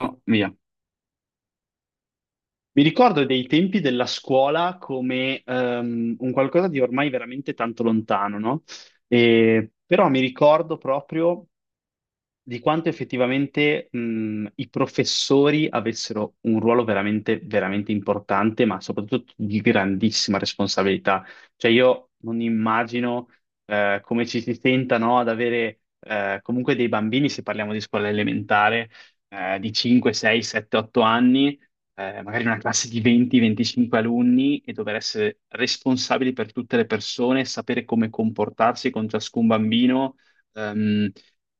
Oh, via. Mi ricordo dei tempi della scuola come un qualcosa di ormai veramente tanto lontano, no? Però mi ricordo proprio di quanto effettivamente i professori avessero un ruolo veramente, veramente importante, ma soprattutto di grandissima responsabilità. Cioè io non immagino come ci si senta, no, ad avere comunque dei bambini, se parliamo di scuola elementare, di 5, 6, 7, 8 anni, magari una classe di 20, 25 alunni e dover essere responsabili per tutte le persone, sapere come comportarsi con ciascun bambino. Ehm,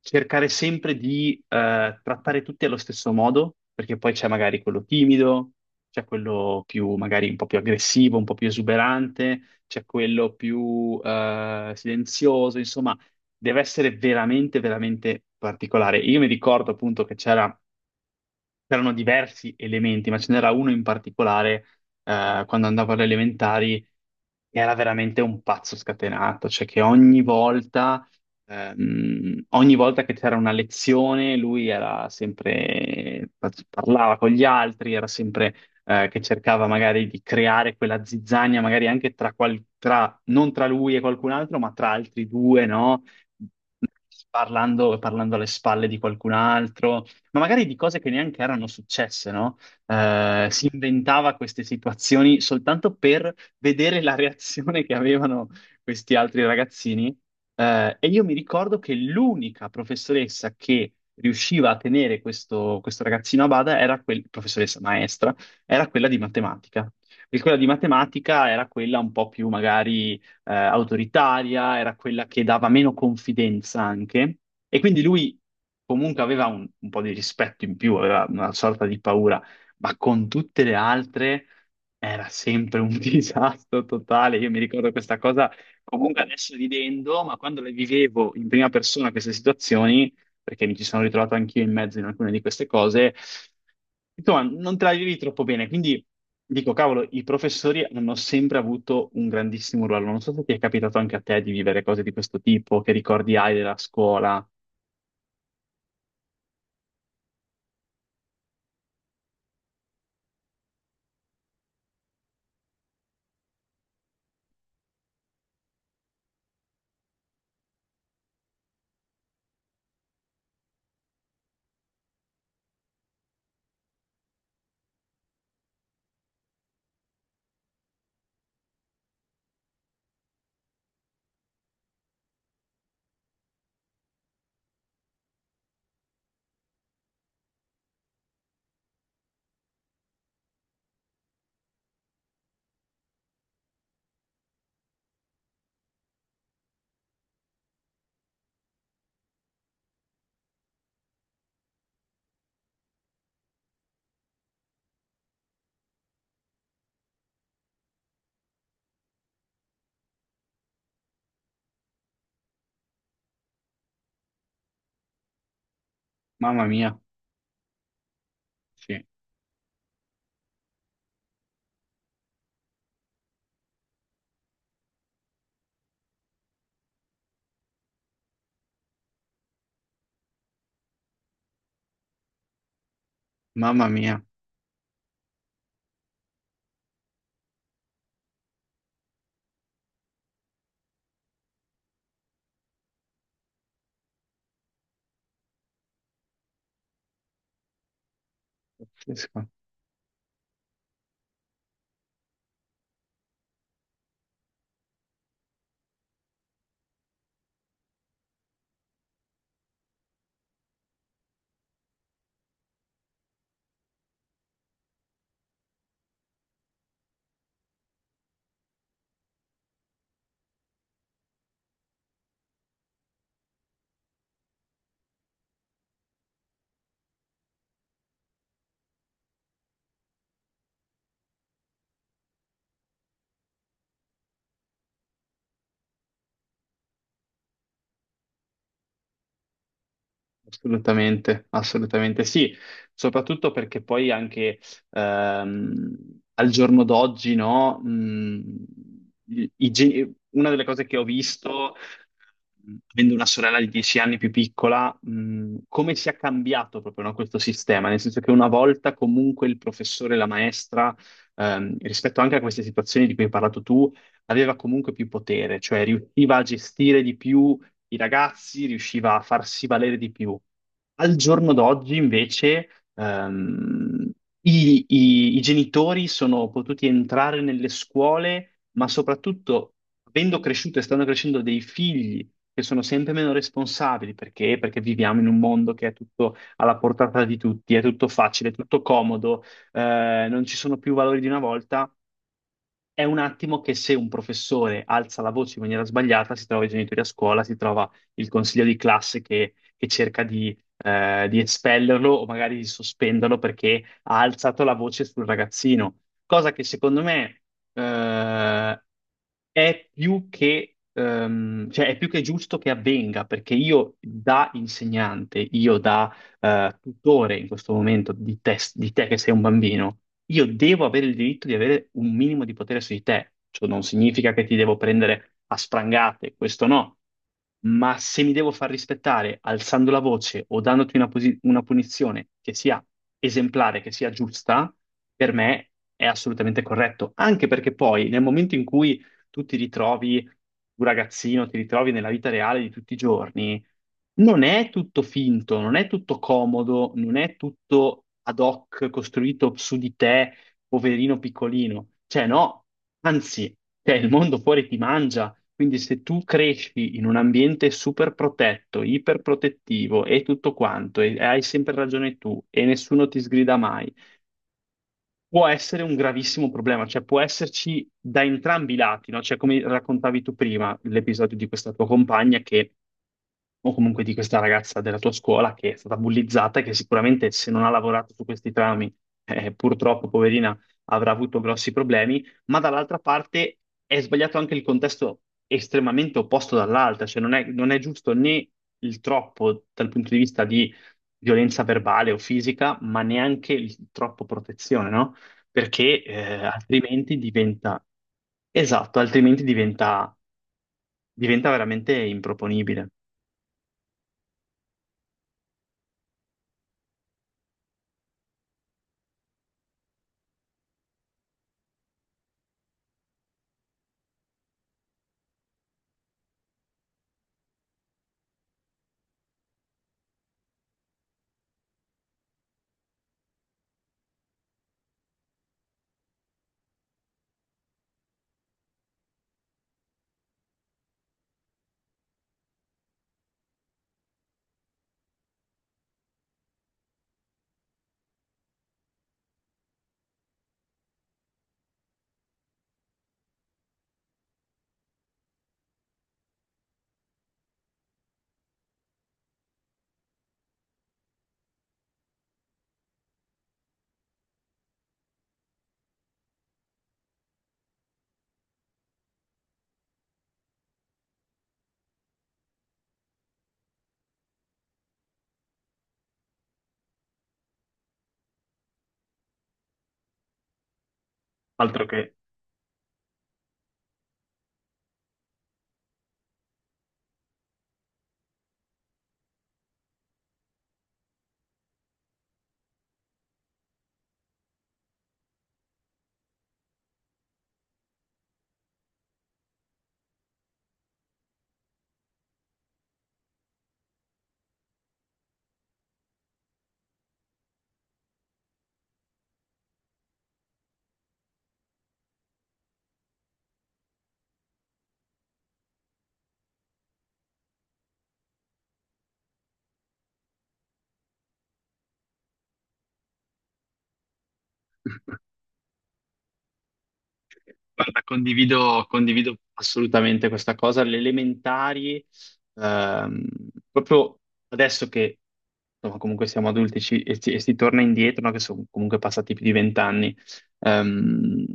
Cercare sempre di trattare tutti allo stesso modo, perché poi c'è magari quello timido, c'è quello più magari un po' più aggressivo, un po' più esuberante, c'è quello più silenzioso, insomma, deve essere veramente, veramente particolare. Io mi ricordo appunto che c'erano diversi elementi, ma ce n'era uno in particolare, quando andavo alle elementari, che era veramente un pazzo scatenato, cioè che ogni volta che c'era una lezione, lui era sempre, parlava con gli altri, era sempre, che cercava magari di creare quella zizzania, magari anche tra, non tra lui e qualcun altro, ma tra altri due, no? Parlando, parlando alle spalle di qualcun altro ma magari di cose che neanche erano successe, no? Si inventava queste situazioni soltanto per vedere la reazione che avevano questi altri ragazzini. E io mi ricordo che l'unica professoressa che riusciva a tenere questo ragazzino a bada era quella, professoressa maestra, era quella di matematica. E quella di matematica era quella un po' più magari autoritaria, era quella che dava meno confidenza anche, e quindi lui comunque aveva un po' di rispetto in più, aveva una sorta di paura, ma con tutte le altre era sempre un disastro totale. Io mi ricordo questa cosa, comunque adesso ridendo, ma quando le vivevo in prima persona queste situazioni, perché mi ci sono ritrovato anch'io in mezzo in alcune di queste cose, insomma, non te la vivi troppo bene. Quindi dico, cavolo, i professori hanno sempre avuto un grandissimo ruolo. Non so se ti è capitato anche a te di vivere cose di questo tipo, che ricordi hai della scuola. Mamma mia, sì, mamma mia, pazzesco. Assolutamente, assolutamente sì, soprattutto perché poi anche ehm, al giorno d'oggi, no, una delle cose che ho visto, avendo una sorella di 10 anni più piccola, come si è cambiato proprio, no, questo sistema, nel senso che una volta comunque il professore, la maestra, rispetto anche a queste situazioni di cui hai parlato tu, aveva comunque più potere, cioè riusciva a gestire di più i ragazzi, riusciva a farsi valere di più. Al giorno d'oggi, invece, ehm, i genitori sono potuti entrare nelle scuole, ma soprattutto, avendo cresciuto e stanno crescendo dei figli che sono sempre meno responsabili, perché? Perché viviamo in un mondo che è tutto alla portata di tutti, è tutto facile, è tutto comodo, non ci sono più valori di una volta. È un attimo che se un professore alza la voce in maniera sbagliata, si trova i genitori a scuola, si trova il consiglio di classe che cerca di espellerlo o magari di sospenderlo perché ha alzato la voce sul ragazzino. Cosa che secondo me, eh, è più che, cioè è più che giusto che avvenga, perché io da insegnante, io da tutore in questo momento di te che sei un bambino, io devo avere il diritto di avere un minimo di potere su di te. Ciò non significa che ti devo prendere a sprangate, questo no. Ma se mi devo far rispettare alzando la voce o dandoti una, una punizione che sia esemplare, che sia giusta, per me è assolutamente corretto. Anche perché poi nel momento in cui tu ti ritrovi, un ragazzino, ti ritrovi nella vita reale di tutti i giorni, non è tutto finto, non è tutto comodo, non è tutto ad hoc costruito su di te, poverino piccolino. Cioè, no, anzi, cioè, il mondo fuori ti mangia. Quindi se tu cresci in un ambiente super protetto, iperprotettivo e tutto quanto, e hai sempre ragione tu, e nessuno ti sgrida mai, può essere un gravissimo problema, cioè può esserci da entrambi i lati, no? Cioè, come raccontavi tu prima, l'episodio di questa tua compagna che, o comunque di questa ragazza della tua scuola che è stata bullizzata e che sicuramente se non ha lavorato su questi trami, purtroppo, poverina, avrà avuto grossi problemi, ma dall'altra parte è sbagliato anche il contesto estremamente opposto dall'altra, cioè non è, non è giusto né il troppo dal punto di vista di violenza verbale o fisica, ma neanche il troppo protezione, no? Perché altrimenti diventa, esatto, altrimenti diventa, diventa veramente improponibile. Altro che, guarda, condivido, condivido assolutamente questa cosa. Le elementari, ehm, proprio adesso che insomma, comunque siamo adulti e, si torna indietro, no, che sono comunque passati più di vent'anni. ehm,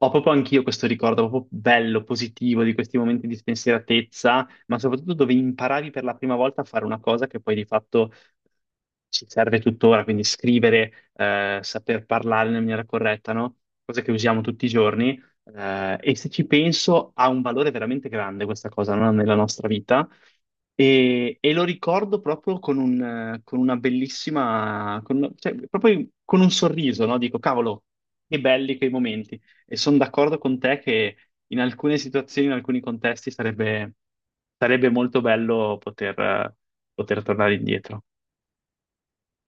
Ho proprio anch'io questo ricordo proprio bello, positivo di questi momenti di spensieratezza, ma soprattutto dove imparavi per la prima volta a fare una cosa che poi di fatto ci serve tuttora, quindi scrivere, saper parlare nella maniera corretta, no? Cosa che usiamo tutti i giorni. E se ci penso, ha un valore veramente grande questa cosa, no? Nella nostra vita e lo ricordo proprio con, un, con una bellissima, cioè, proprio con un sorriso, no? Dico, cavolo, che belli quei momenti. E sono d'accordo con te che in alcune situazioni, in alcuni contesti, sarebbe, sarebbe molto bello poter, poter tornare indietro.